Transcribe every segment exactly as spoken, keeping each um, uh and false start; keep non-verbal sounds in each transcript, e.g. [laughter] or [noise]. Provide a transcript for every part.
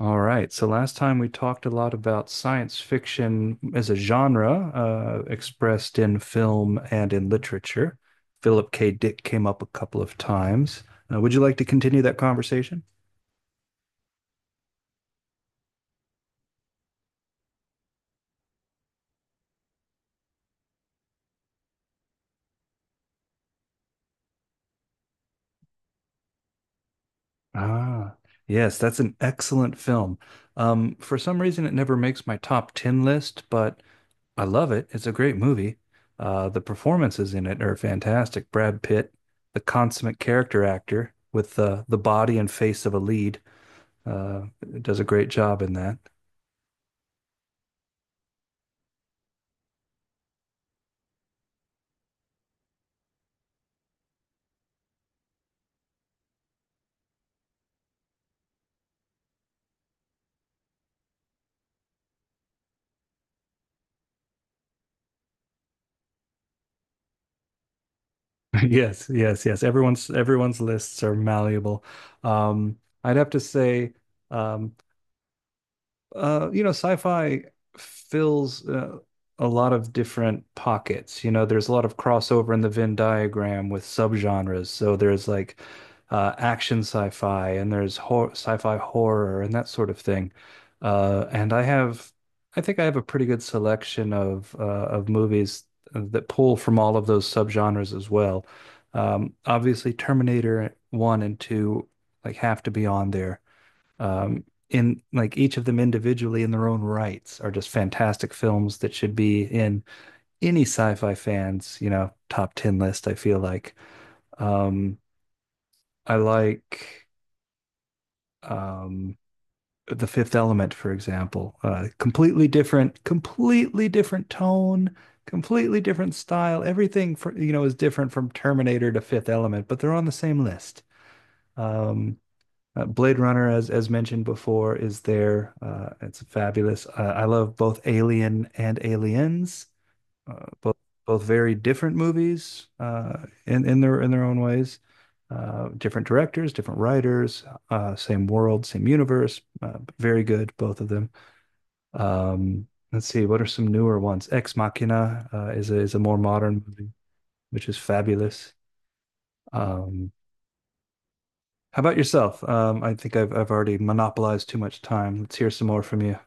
All right. So last time we talked a lot about science fiction as a genre, uh, expressed in film and in literature. Philip K. Dick came up a couple of times. Uh, would you like to continue that conversation? Ah, yes, that's an excellent film. Um, for some reason, it never makes my top ten list, but I love it. It's a great movie. Uh, the performances in it are fantastic. Brad Pitt, the consummate character actor with uh, the body and face of a lead, uh, does a great job in that. [laughs] Yes, yes, yes. Everyone's everyone's lists are malleable. Um, I'd have to say, um, uh, you know, sci-fi fills uh, a lot of different pockets. You know, there's a lot of crossover in the Venn diagram with subgenres. So there's like uh, action sci-fi and there's hor sci-fi horror and that sort of thing. Uh, and I have, I think I have a pretty good selection of uh, of movies that pull from all of those subgenres as well. Um, obviously, Terminator one and two like have to be on there, um, in like each of them individually in their own rights are just fantastic films that should be in any sci-fi fans, you know, top ten list, I feel like. Um, I like um, The Fifth Element, for example. Uh, completely different, completely different tone, completely different style. Everything for, you know, is different from Terminator to Fifth Element, but they're on the same list. Um, Uh, Blade Runner, as as mentioned before, is there. Uh, it's fabulous. Uh, I love both Alien and Aliens, uh, both both very different movies uh, in in their in their own ways. Uh, different directors, different writers, uh, same world, same universe. Uh, very good, both of them. Um, let's see, what are some newer ones? Ex Machina uh, is a, is a more modern movie, which is fabulous. Um, How about yourself? Um, I think I've I've already monopolized too much time. Let's hear some more from you.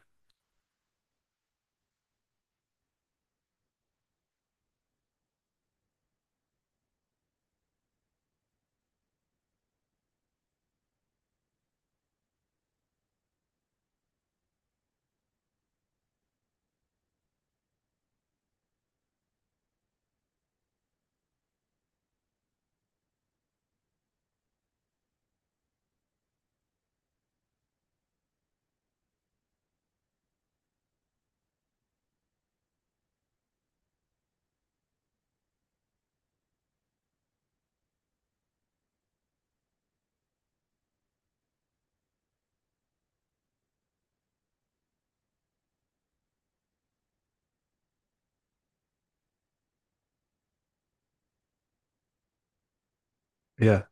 Yeah.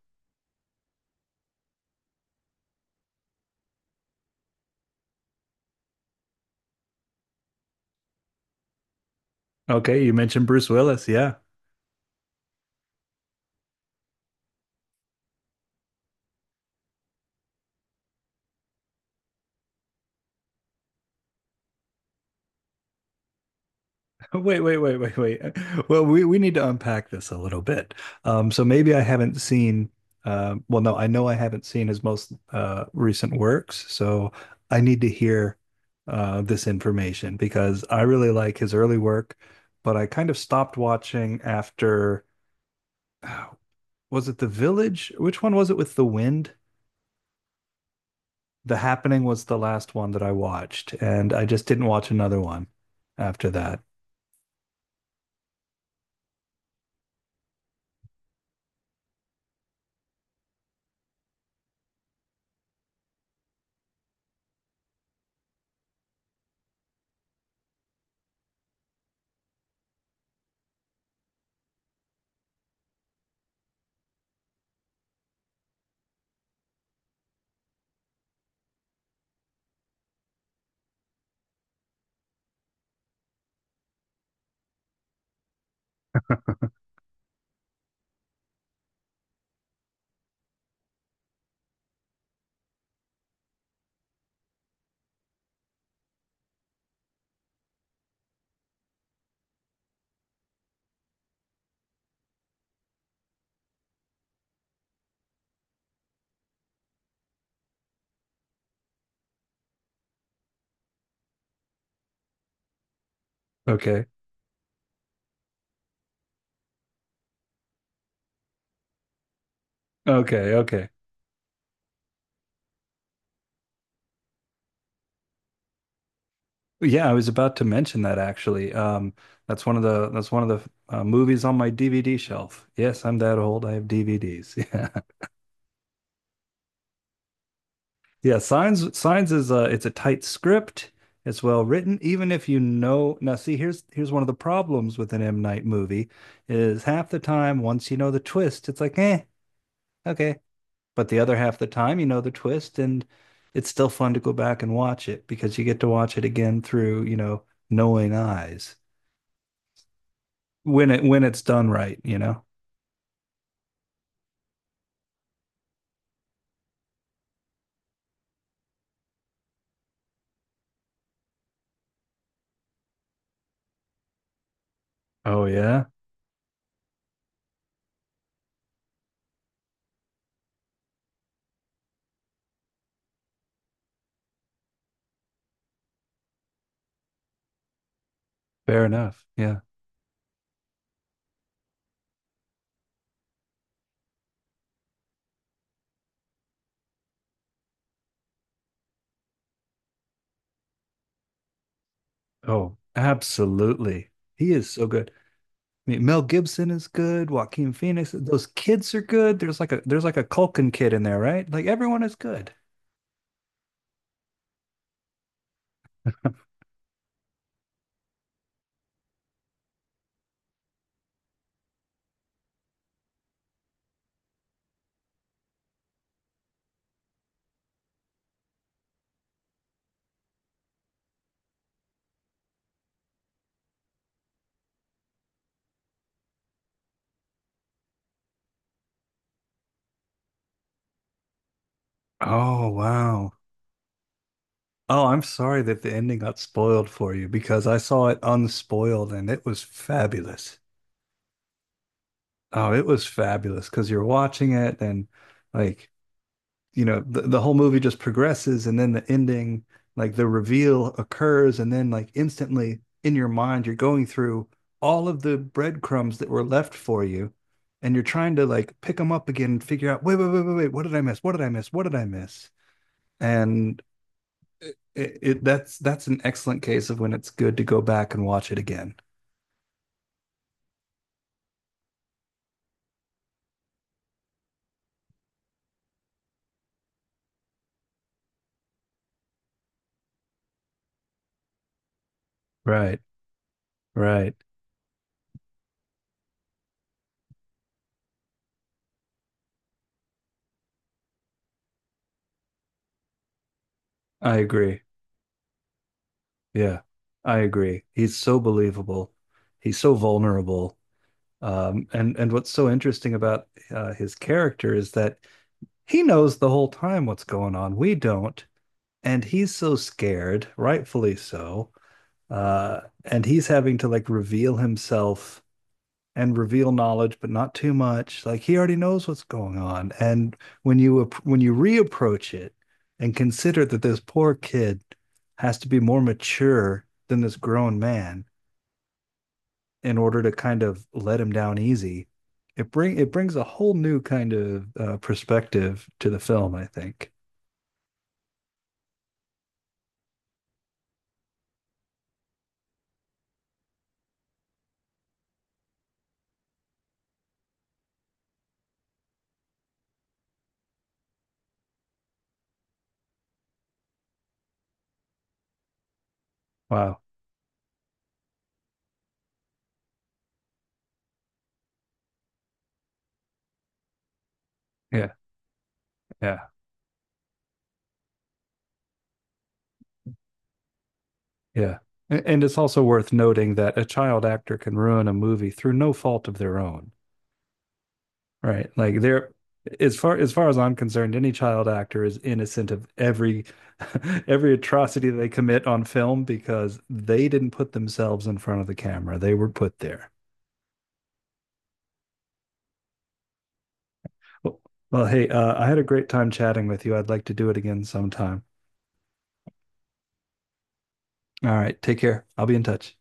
Okay, you mentioned Bruce Willis. Yeah. [laughs] Wait, wait, wait, wait, wait. [laughs] Well, we we need to unpack this a little bit. Um, so maybe I haven't seen uh, well, no, I know I haven't seen his most uh, recent works, so I need to hear uh, this information because I really like his early work, but I kind of stopped watching after [sighs] was it The Village? Which one was it with the wind? The Happening was the last one that I watched, and I just didn't watch another one after that. Okay. Okay, okay. Yeah, I was about to mention that actually. Um, that's one of the that's one of the uh, movies on my D V D shelf. Yes, I'm that old. I have D V Ds. [laughs] Yeah. Yeah, Signs Signs is a it's a tight script. It's well written, even if you know. Now, see, here's here's one of the problems with an M. Night movie is half the time once you know the twist, it's like, eh, okay. But the other half of the time, you know the twist, and it's still fun to go back and watch it because you get to watch it again through, you know, knowing eyes when it when it's done right, you know. Oh yeah, fair enough. Yeah. Oh, absolutely. He is so good. I mean, Mel Gibson is good. Joaquin Phoenix. Those kids are good. There's like a there's like a Culkin kid in there, right? Like everyone is good. Oh wow. Oh, I'm sorry that the ending got spoiled for you because I saw it unspoiled and it was fabulous. Oh, it was fabulous because you're watching it and like, you know, the, the whole movie just progresses and then the ending, like the reveal occurs and then like instantly in your mind you're going through all of the breadcrumbs that were left for you and you're trying to like pick them up again and figure out, wait, wait, wait, wait, wait, what did I miss? What did I miss? What did I miss? And it, it that's that's an excellent case of when it's good to go back and watch it again. Right, right. I agree. Yeah, I agree. He's so believable. He's so vulnerable. Um, and and what's so interesting about uh, his character is that he knows the whole time what's going on. We don't, and he's so scared, rightfully so. Uh, and he's having to like reveal himself and reveal knowledge, but not too much. Like he already knows what's going on. And when you when you reapproach it and consider that this poor kid has to be more mature than this grown man in order to kind of let him down easy, it bring it brings a whole new kind of uh, perspective to the film. I think. Wow. Yeah. Yeah. Yeah. And it's also worth noting that a child actor can ruin a movie through no fault of their own. Right. Like there as far as far as I'm concerned, any child actor is innocent of every [laughs] every atrocity they commit on film because they didn't put themselves in front of the camera. They were put there. Well, well, hey, uh, I had a great time chatting with you. I'd like to do it again sometime. All right, take care. I'll be in touch.